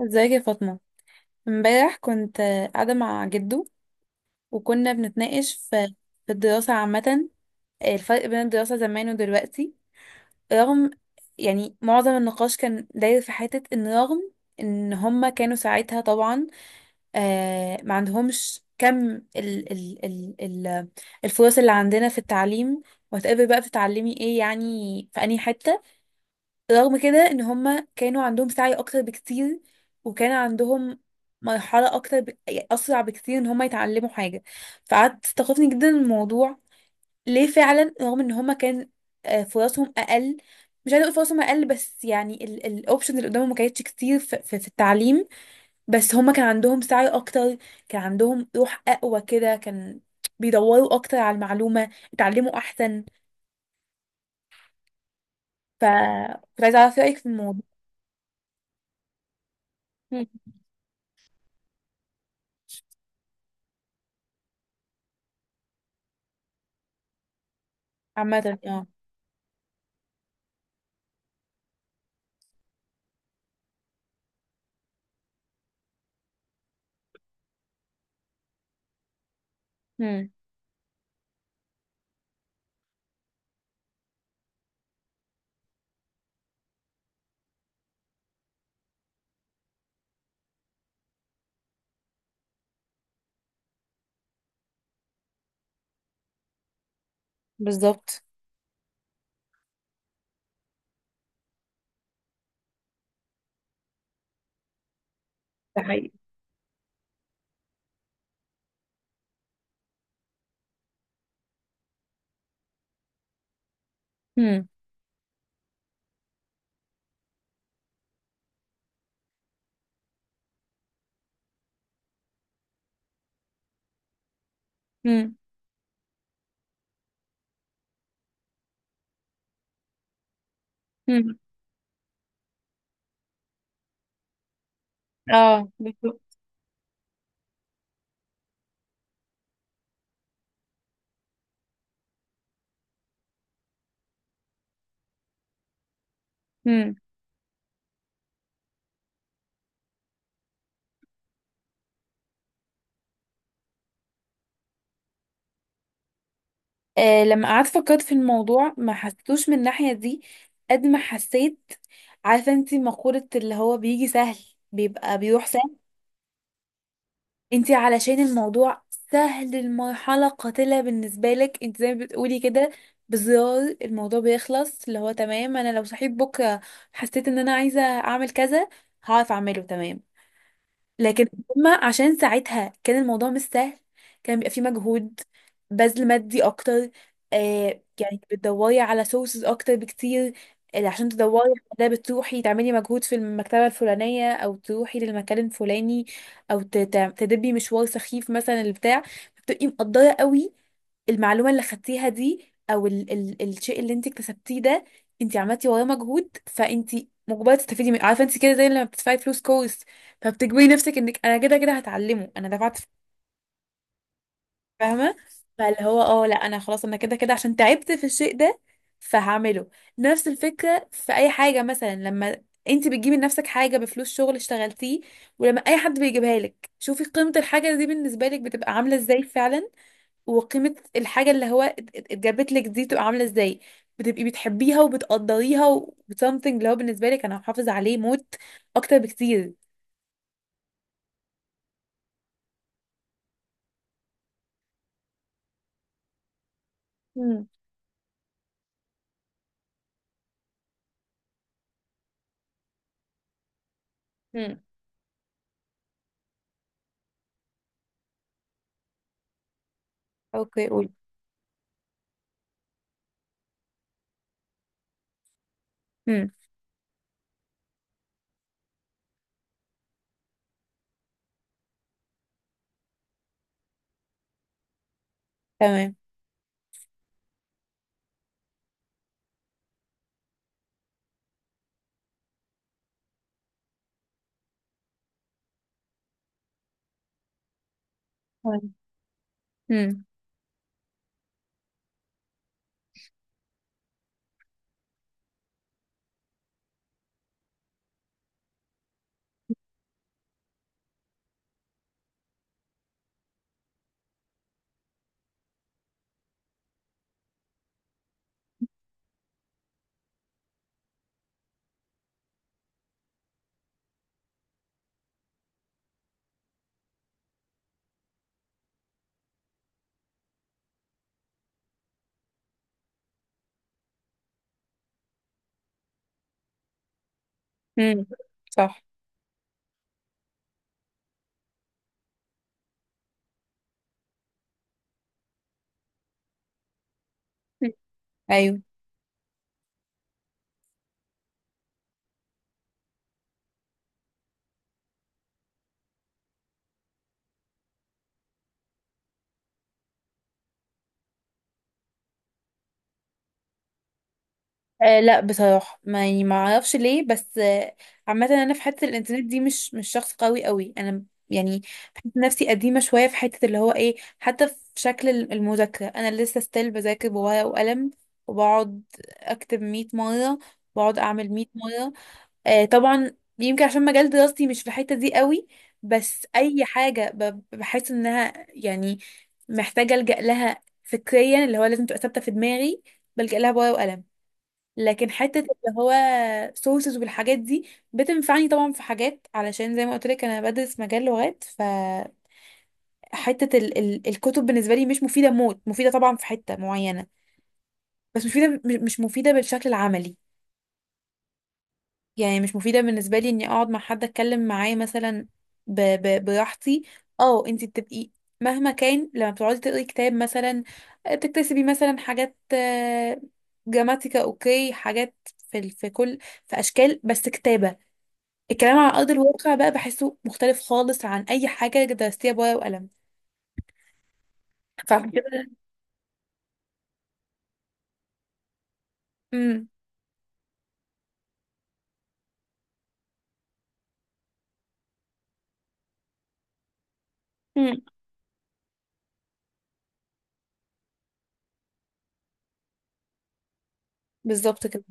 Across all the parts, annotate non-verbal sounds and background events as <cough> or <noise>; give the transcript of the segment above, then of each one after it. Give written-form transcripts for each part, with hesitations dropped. ازيك يا فاطمة؟ امبارح كنت قاعدة مع جدو وكنا بنتناقش في الدراسة عامة، الفرق بين الدراسة زمان ودلوقتي. رغم، يعني معظم النقاش كان داير في حتة ان رغم ان هما كانوا ساعتها طبعا ما عندهمش كم ال الفرص اللي عندنا في التعليم. وهتقابل بقى بتتعلمي ايه يعني في انهي حتة؟ رغم كده ان هما كانوا عندهم سعي اكتر بكتير، وكان عندهم مرحلة اكتر يعني اسرع بكتير ان هما يتعلموا حاجة. فقعدت استخفني جدا من الموضوع، ليه فعلا رغم ان هما كان فرصهم اقل؟ مش عايزه اقول فرصهم اقل، بس يعني الاوبشن اللي قدامهم ما كانتش كتير في التعليم، بس هما كان عندهم سعي اكتر، كان عندهم روح اقوى كده، كان بيدوروا اكتر على المعلومة، اتعلموا احسن. ف كنت عايزه اعرف رايك في الموضوع. مم. عامة اه. مم. بالظبط. ده حقيقي. هم. هم. هم. اه بالظبط. هم. آه لما قعدت فكرت في الموضوع ما حسيتوش من الناحية دي قد ما حسيت، عارفة انتي مقولة اللي هو بيجي سهل بيبقى بيروح سهل؟ انتي علشان الموضوع سهل، المرحلة قاتلة بالنسبة لك انتي زي ما بتقولي كده، بزرار الموضوع بيخلص، اللي هو تمام انا لو صحيت بكرة حسيت ان انا عايزة اعمل كذا هعرف اعمله، تمام. لكن هما عشان ساعتها كان الموضوع مش سهل، كان بيبقى فيه مجهود، بذل مادي اكتر، آه يعني بتدوري على سورسز اكتر بكتير، اللي عشان تدوري على ده بتروحي تعملي مجهود في المكتبة الفلانية او تروحي للمكان الفلاني او تدبي مشوار سخيف مثلا البتاع. بتبقي مقدرة قوي المعلومة اللي خدتيها دي او ال الشيء اللي انت اكتسبتيه ده، انت عملتي وراه مجهود، فانت مجبرة تستفيدي منه. عارفة انت كده زي لما بتدفعي فلوس كورس، فبتجبري نفسك انك انا كده كده هتعلمه انا دفعت فيه، فاهمه؟ فاللي هو اه لا انا خلاص انا كده كده عشان تعبت في الشيء ده فهعمله. نفس الفكره في اي حاجه، مثلا لما انت بتجيبي لنفسك حاجه بفلوس شغل اشتغلتيه، ولما اي حد بيجيبها لك، شوفي قيمه الحاجه دي بالنسبه لك بتبقى عامله ازاي فعلا، وقيمه الحاجه اللي هو اتجابت لك دي تبقى عامله ازاي. بتبقي بتحبيها وبتقدريها و something اللي هو بالنسبه لك انا هحافظ عليه موت اكتر بكتير. امم. اوكي قولي. تمام. امم. امم. صح. مم. ايوه. آه لا بصراحه ما يعني ما اعرفش ليه، بس آه عامه انا في حته الانترنت دي مش مش شخص قوي قوي انا، يعني بحس نفسي قديمه شويه في حته اللي هو ايه، حتى في شكل المذاكره انا لسه ستيل بذاكر بورقه وقلم، وبقعد اكتب 100 مره، بقعد اعمل 100 مره. آه، طبعا. يمكن عشان مجال دراستي مش في الحتة دي قوي، بس اي حاجة بحس انها يعني محتاجة الجأ لها فكريا اللي هو لازم تبقى ثابتة في دماغي بلجأ لها بورقة وقلم. لكن حتة اللي هو سورسز والحاجات دي بتنفعني طبعا في حاجات، علشان زي ما قلت لك انا بدرس مجال لغات، ف حتة ال الكتب بالنسبة لي مش مفيدة موت، مفيدة طبعا في حتة معينة، بس مش مفيدة مش مفيدة بالشكل العملي، يعني مش مفيدة بالنسبة لي اني اقعد مع حد اتكلم معاه مثلا براحتي. اه انت بتبقي مهما كان لما بتقعدي تقري كتاب مثلا، آه، بتكتسبي مثلا حاجات، آه، جراماتيكا، اوكي، حاجات في في اشكال، بس كتابة. الكلام على ارض الواقع بقى بحسه مختلف خالص عن اي حاجة درستيها بورقة وقلم. فعشان كده <laughs> امم. مم. بالظبط كده.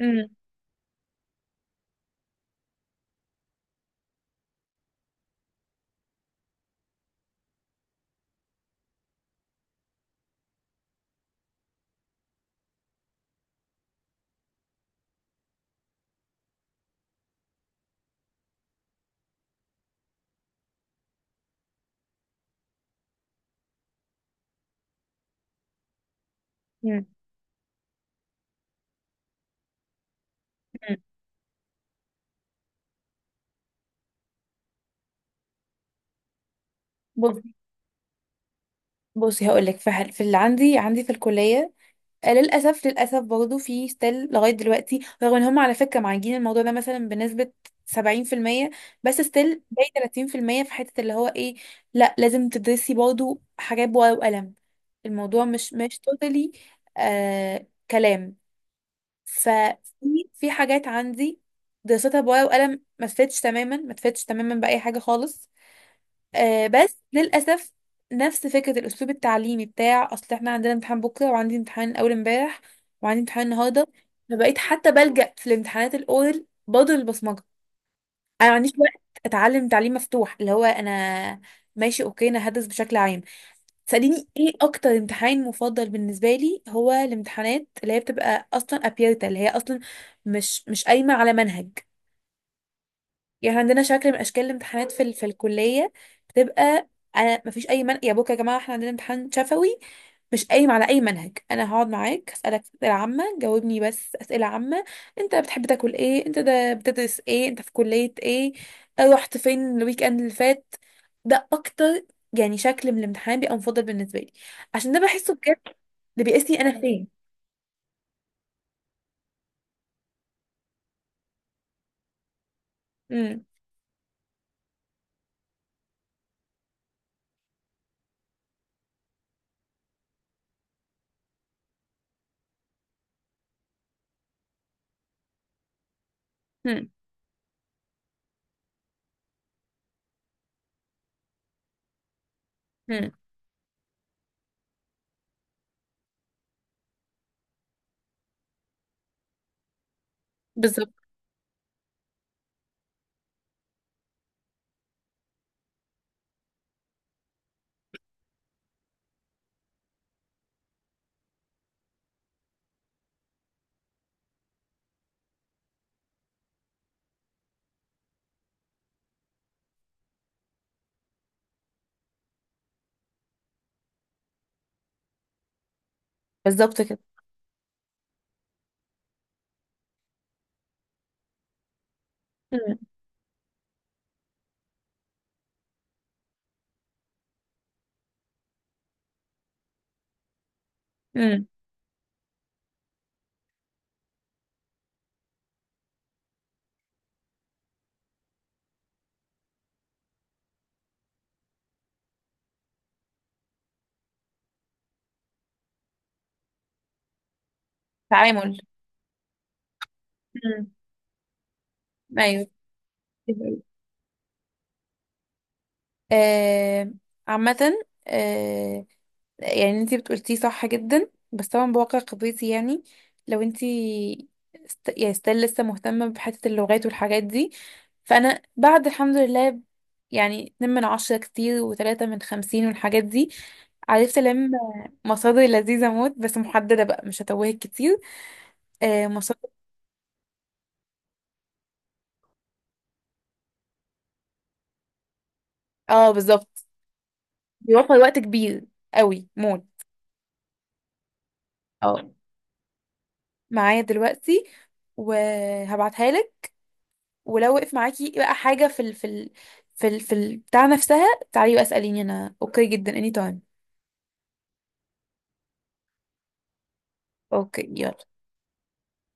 امم. امم. بص بصي هقول لك في اللي عندي، عندي في الكلية، آه، للأسف للأسف برضه في ستيل لغاية دلوقتي، رغم إن هم على فكرة معالجين الموضوع ده مثلا بنسبة 70%، بس ستيل باقي 30% في حتة اللي هو إيه، لأ لازم تدرسي برضه حاجات بورقة وقلم. الموضوع مش مش توتالي آه كلام. ففي حاجات عندي دراستها بورقة وقلم ما تفيدش تماما، ما تفيدش تماما بأي حاجة خالص، آه بس للأسف نفس فكرة الأسلوب التعليمي بتاع أصل احنا عندنا امتحان بكرة، وعندي امتحان أول امبارح، وعندي امتحان النهاردة، فبقيت حتى بلجأ في الامتحانات الأورال برضه للبصمجة. أنا ما عنديش وقت أتعلم تعليم مفتوح اللي هو أنا ماشي أوكي أنا هدرس بشكل عام. تسأليني إيه أكتر امتحان مفضل بالنسبة لي؟ هو الامتحانات اللي هي بتبقى أصلا أبيرتا، اللي هي أصلا مش مش قايمة على منهج، يعني إحنا عندنا شكل من اشكال الامتحانات في الكليه بتبقى، انا مفيش اي من يا بوك يا جماعه، احنا عندنا امتحان شفوي مش قايم على اي منهج، انا هقعد معاك اسالك اسئله عامه، جاوبني بس اسئله عامه، انت بتحب تاكل ايه، انت ده بتدرس ايه، انت في كليه ايه، آه، رحت فين الويك اند اللي فات. ده اكتر يعني شكل من الامتحان بيبقى مفضل بالنسبه لي، عشان ده بحسه بجد اللي بيقيسني انا فين. امم. امم. امم. بالظبط. بالظبط كده. امم. امم. تعامل. امم. ايوه. آه. عامة. آه. يعني انتي بتقولتيه صح جدا، بس طبعا بواقع قضيتي يعني لو انتي يعني ستيل لسه مهتمة بحتة اللغات والحاجات دي، فأنا بعد الحمد لله يعني 2 من 10 كتير، وتلاتة من خمسين والحاجات دي، عرفت ألم مصادر لذيذة موت بس محددة بقى، مش هتوهك كتير. آه مصادر. اه بالظبط. بيوفر وقت كبير قوي موت. اه. معايا دلوقتي وهبعتها لك. ولو وقف معاكي بقى حاجة في ال بتاع نفسها، تعالي بقى اسأليني، انا اوكي جدا اني تايم. اوكي يلا.